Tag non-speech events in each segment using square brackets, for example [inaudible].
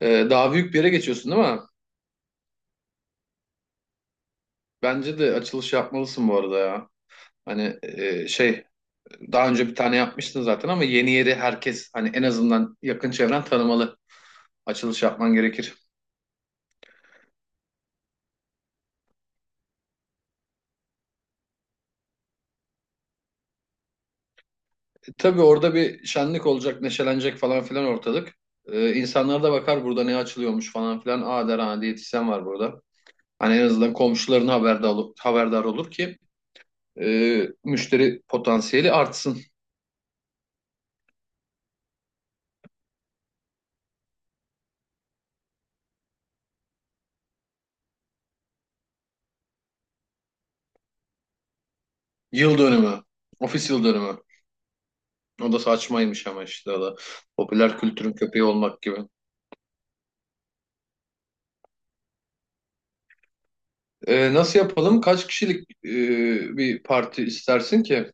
Daha büyük bir yere geçiyorsun, değil mi? Bence de açılış yapmalısın bu arada ya. Hani şey daha önce bir tane yapmıştın zaten, ama yeni yeri herkes hani en azından yakın çevren tanımalı. Açılış yapman gerekir. Tabii orada bir şenlik olacak, neşelenecek falan filan ortalık. İnsanlar da bakar burada ne açılıyormuş falan filan. Aa der, ha, diyetisyen var burada. Hani en azından komşuların haberdar olur ki müşteri potansiyeli artsın. Yıl dönümü, ofis yıl dönümü. O da saçmaymış ama işte o da. Popüler kültürün köpeği olmak gibi. Nasıl yapalım? Kaç kişilik bir parti istersin ki?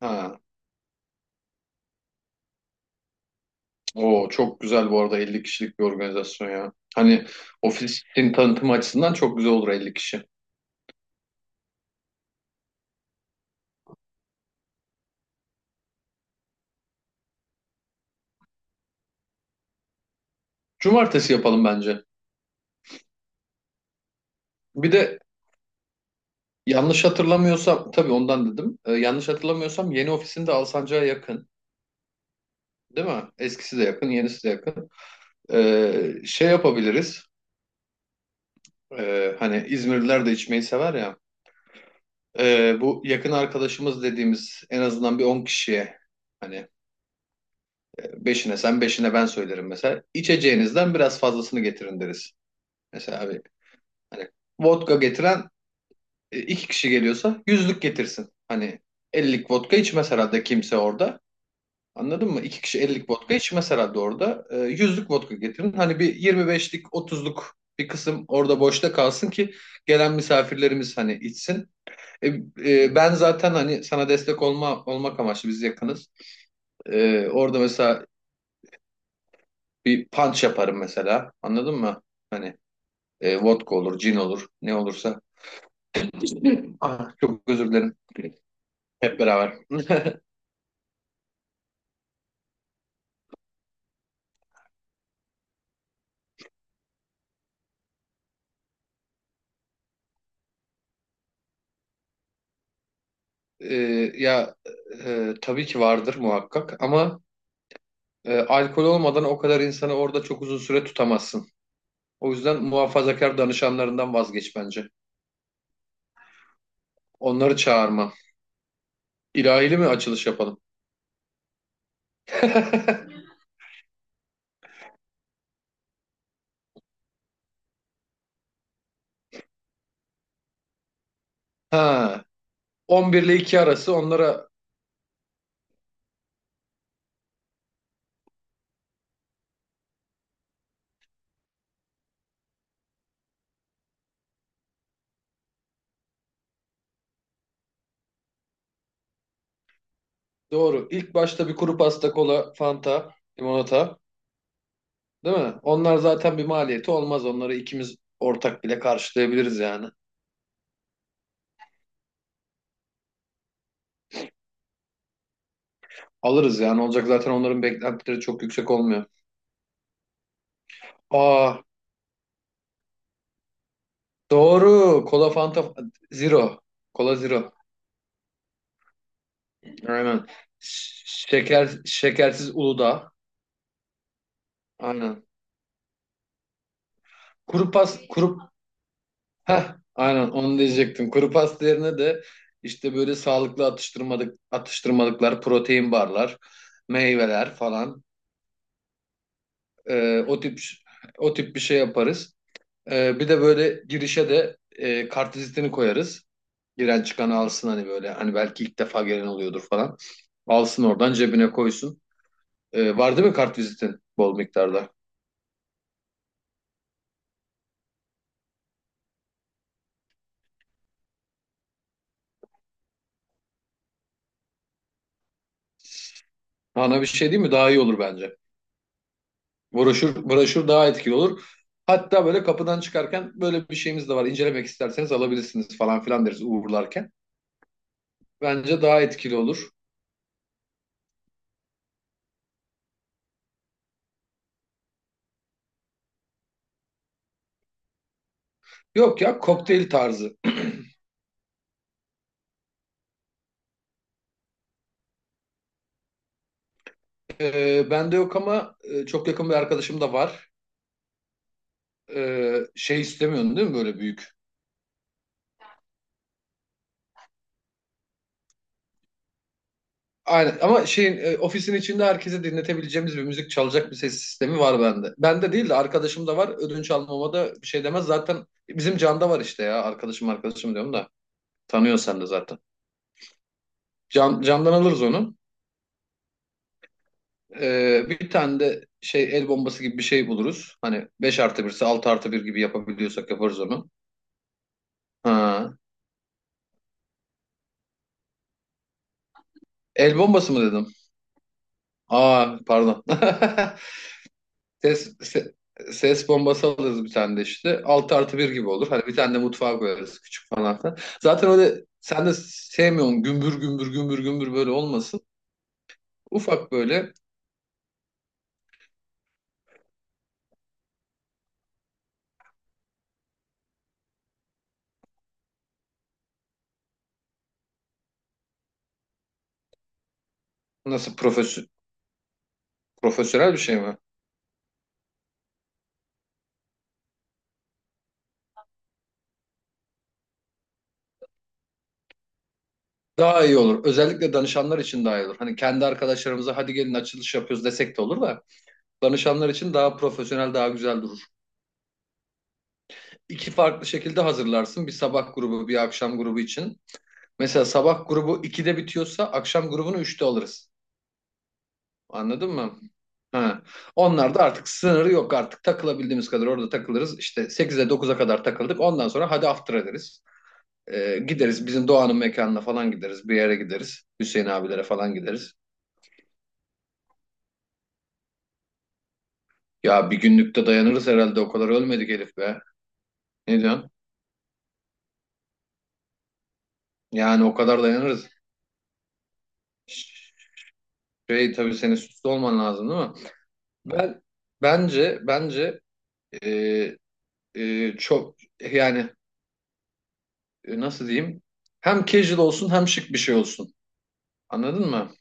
Ha. O çok güzel bu arada, 50 kişilik bir organizasyon ya. Hani ofisin tanıtım açısından çok güzel olur 50 kişi. Cumartesi yapalım bence. Bir de, yanlış hatırlamıyorsam, tabii ondan dedim. Yanlış hatırlamıyorsam yeni ofisin de Alsancak'a yakın. Değil mi? Eskisi de yakın, yenisi de yakın. Şey yapabiliriz. Hani İzmirliler de içmeyi sever ya. Bu yakın arkadaşımız dediğimiz en azından bir 10 kişiye, hani, beşine sen beşine ben söylerim mesela. İçeceğinizden biraz fazlasını getirin deriz. Mesela abi, hani vodka getiren iki kişi geliyorsa yüzlük getirsin. Hani 50'lik vodka içmez herhalde kimse orada. Anladın mı? İki kişi 50'lik vodka içmez herhalde orada. Yüzlük vodka getirin. Hani bir 25'lik 30'luk bir kısım orada boşta kalsın ki gelen misafirlerimiz hani içsin. E, Ben zaten hani sana destek olmak amaçlı biz yakınız. Orada mesela bir punch yaparım mesela. Anladın mı? Hani vodka olur, cin olur, ne olursa. Ah, çok özür dilerim. Hep beraber. E, Ya, tabii ki vardır muhakkak, ama alkol olmadan o kadar insanı orada çok uzun süre tutamazsın. O yüzden muhafazakar danışanlarından vazgeç bence. Onları çağırma. İlahili mi açılış yapalım? [laughs] Ha, 11 ile 2 arası onlara. Doğru. İlk başta bir kuru pasta, kola, fanta, limonata, değil mi? Onlar zaten bir maliyeti olmaz. Onları ikimiz ortak bile karşılayabiliriz yani. Alırız yani. Olacak zaten, onların beklentileri çok yüksek olmuyor. Aa, doğru. Kola, fanta, zero. Kola zero. Aynen. Ş- şekersiz Uludağ. Aynen. Kuru pas, kuru Heh, aynen onu diyecektim. Kuru pasta yerine de, işte, böyle sağlıklı atıştırmalık, atıştırmalıklar, protein barlar, meyveler falan, e, o tip o tip bir şey yaparız. Bir de böyle girişe de kartvizitini koyarız. Giren çıkan alsın, hani böyle, hani belki ilk defa gelen oluyordur falan. Alsın oradan cebine koysun. Var değil mi kartvizitin bol miktarda? Ana bir şey değil mi? Daha iyi olur bence. Broşür, broşür daha etkili olur. Hatta böyle kapıdan çıkarken böyle bir şeyimiz de var. İncelemek isterseniz alabilirsiniz falan filan deriz uğurlarken. Bence daha etkili olur. Yok ya, kokteyl tarzı. Bende yok ama çok yakın bir arkadaşım da var. Şey istemiyorsun değil mi, böyle büyük? Aynen, ama ofisin içinde herkese dinletebileceğimiz bir müzik çalacak bir ses sistemi var bende. Bende değil de, arkadaşım da var. Ödünç almama da bir şey demez. Zaten bizim Can'da var işte ya. Arkadaşım arkadaşım diyorum da. Tanıyor sen de zaten. Can, candan alırız onu. Bir tane de şey, el bombası gibi bir şey buluruz. Hani 5 artı birse 6 artı bir gibi yapabiliyorsak yaparız onu. Ha. El bombası mı dedim? Aa, pardon. [laughs] Ses, se- ses bombası alırız bir tane de işte. 6 artı bir gibi olur. Hani bir tane de mutfağa koyarız küçük falan filan. Zaten öyle, sen de sevmiyorsun, gümbür gümbür gümbür gümbür böyle olmasın. Ufak böyle, nasıl profesyonel bir şey mi? Daha iyi olur. Özellikle danışanlar için daha iyi olur. Hani kendi arkadaşlarımıza hadi gelin açılış yapıyoruz desek de olur da, danışanlar için daha profesyonel, daha güzel durur. İki farklı şekilde hazırlarsın. Bir sabah grubu, bir akşam grubu için. Mesela sabah grubu 2'de bitiyorsa akşam grubunu 3'te alırız. Anladın mı? Ha. Onlar da artık, sınırı yok artık. Takılabildiğimiz kadar orada takılırız. İşte 8'e 9'a kadar takıldık. Ondan sonra hadi after ederiz. Gideriz bizim Doğan'ın mekanına falan, gideriz. Bir yere gideriz. Hüseyin abilere falan gideriz. Ya bir günlükte dayanırız herhalde. O kadar ölmedik Elif be. Ne diyorsun? Yani o kadar dayanırız. Şey, tabii senin suçlu olman lazım, değil mi? Ben bence e, çok, yani, nasıl diyeyim? Hem casual olsun hem şık bir şey olsun. Anladın mı?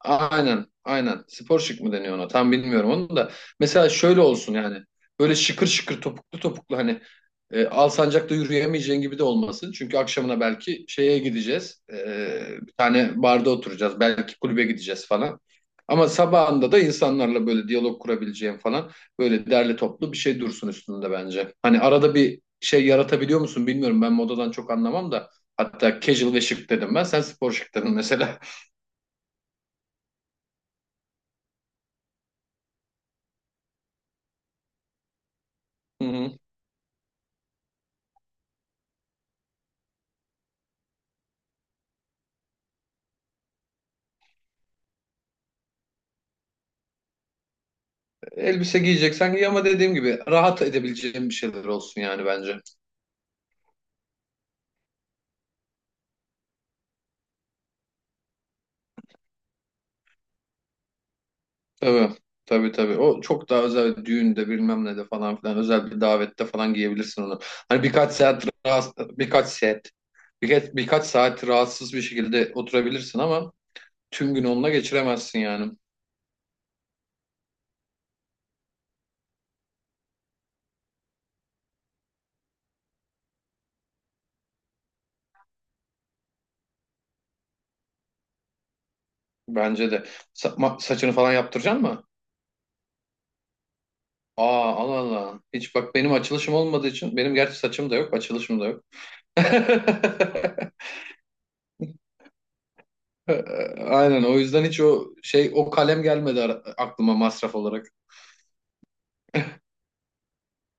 Aynen, aynen. Spor şık mı deniyor ona? Tam bilmiyorum onu da. Mesela şöyle olsun yani. Böyle şıkır şıkır topuklu topuklu, hani, Alsancak'ta yürüyemeyeceğin gibi de olmasın. Çünkü akşamına belki şeye gideceğiz. Bir tane barda oturacağız. Belki kulübe gideceğiz falan. Ama sabahında da insanlarla böyle diyalog kurabileceğim falan, böyle derli toplu bir şey dursun üstünde bence. Hani arada bir şey yaratabiliyor musun bilmiyorum. Ben modadan çok anlamam da. Hatta casual ve şık dedim ben. Sen spor şık dedin mesela. [laughs] Hı hı. Elbise giyeceksen giy, ama dediğim gibi rahat edebileceğim bir şeyler olsun yani bence. Tabii. Tabii tabii. O çok daha özel, düğünde bilmem ne de falan filan, özel bir davette falan giyebilirsin onu. Hani birkaç saat rahatsız bir şekilde oturabilirsin, ama tüm gün onunla geçiremezsin yani. Bence de. Saçını falan yaptıracaksın mı? Aa, Allah Allah. Hiç bak, benim açılışım olmadığı için, benim gerçi saçım da yok, açılışım da yok. [laughs] Ee, Aynen, o yüzden hiç o kalem gelmedi aklıma masraf olarak.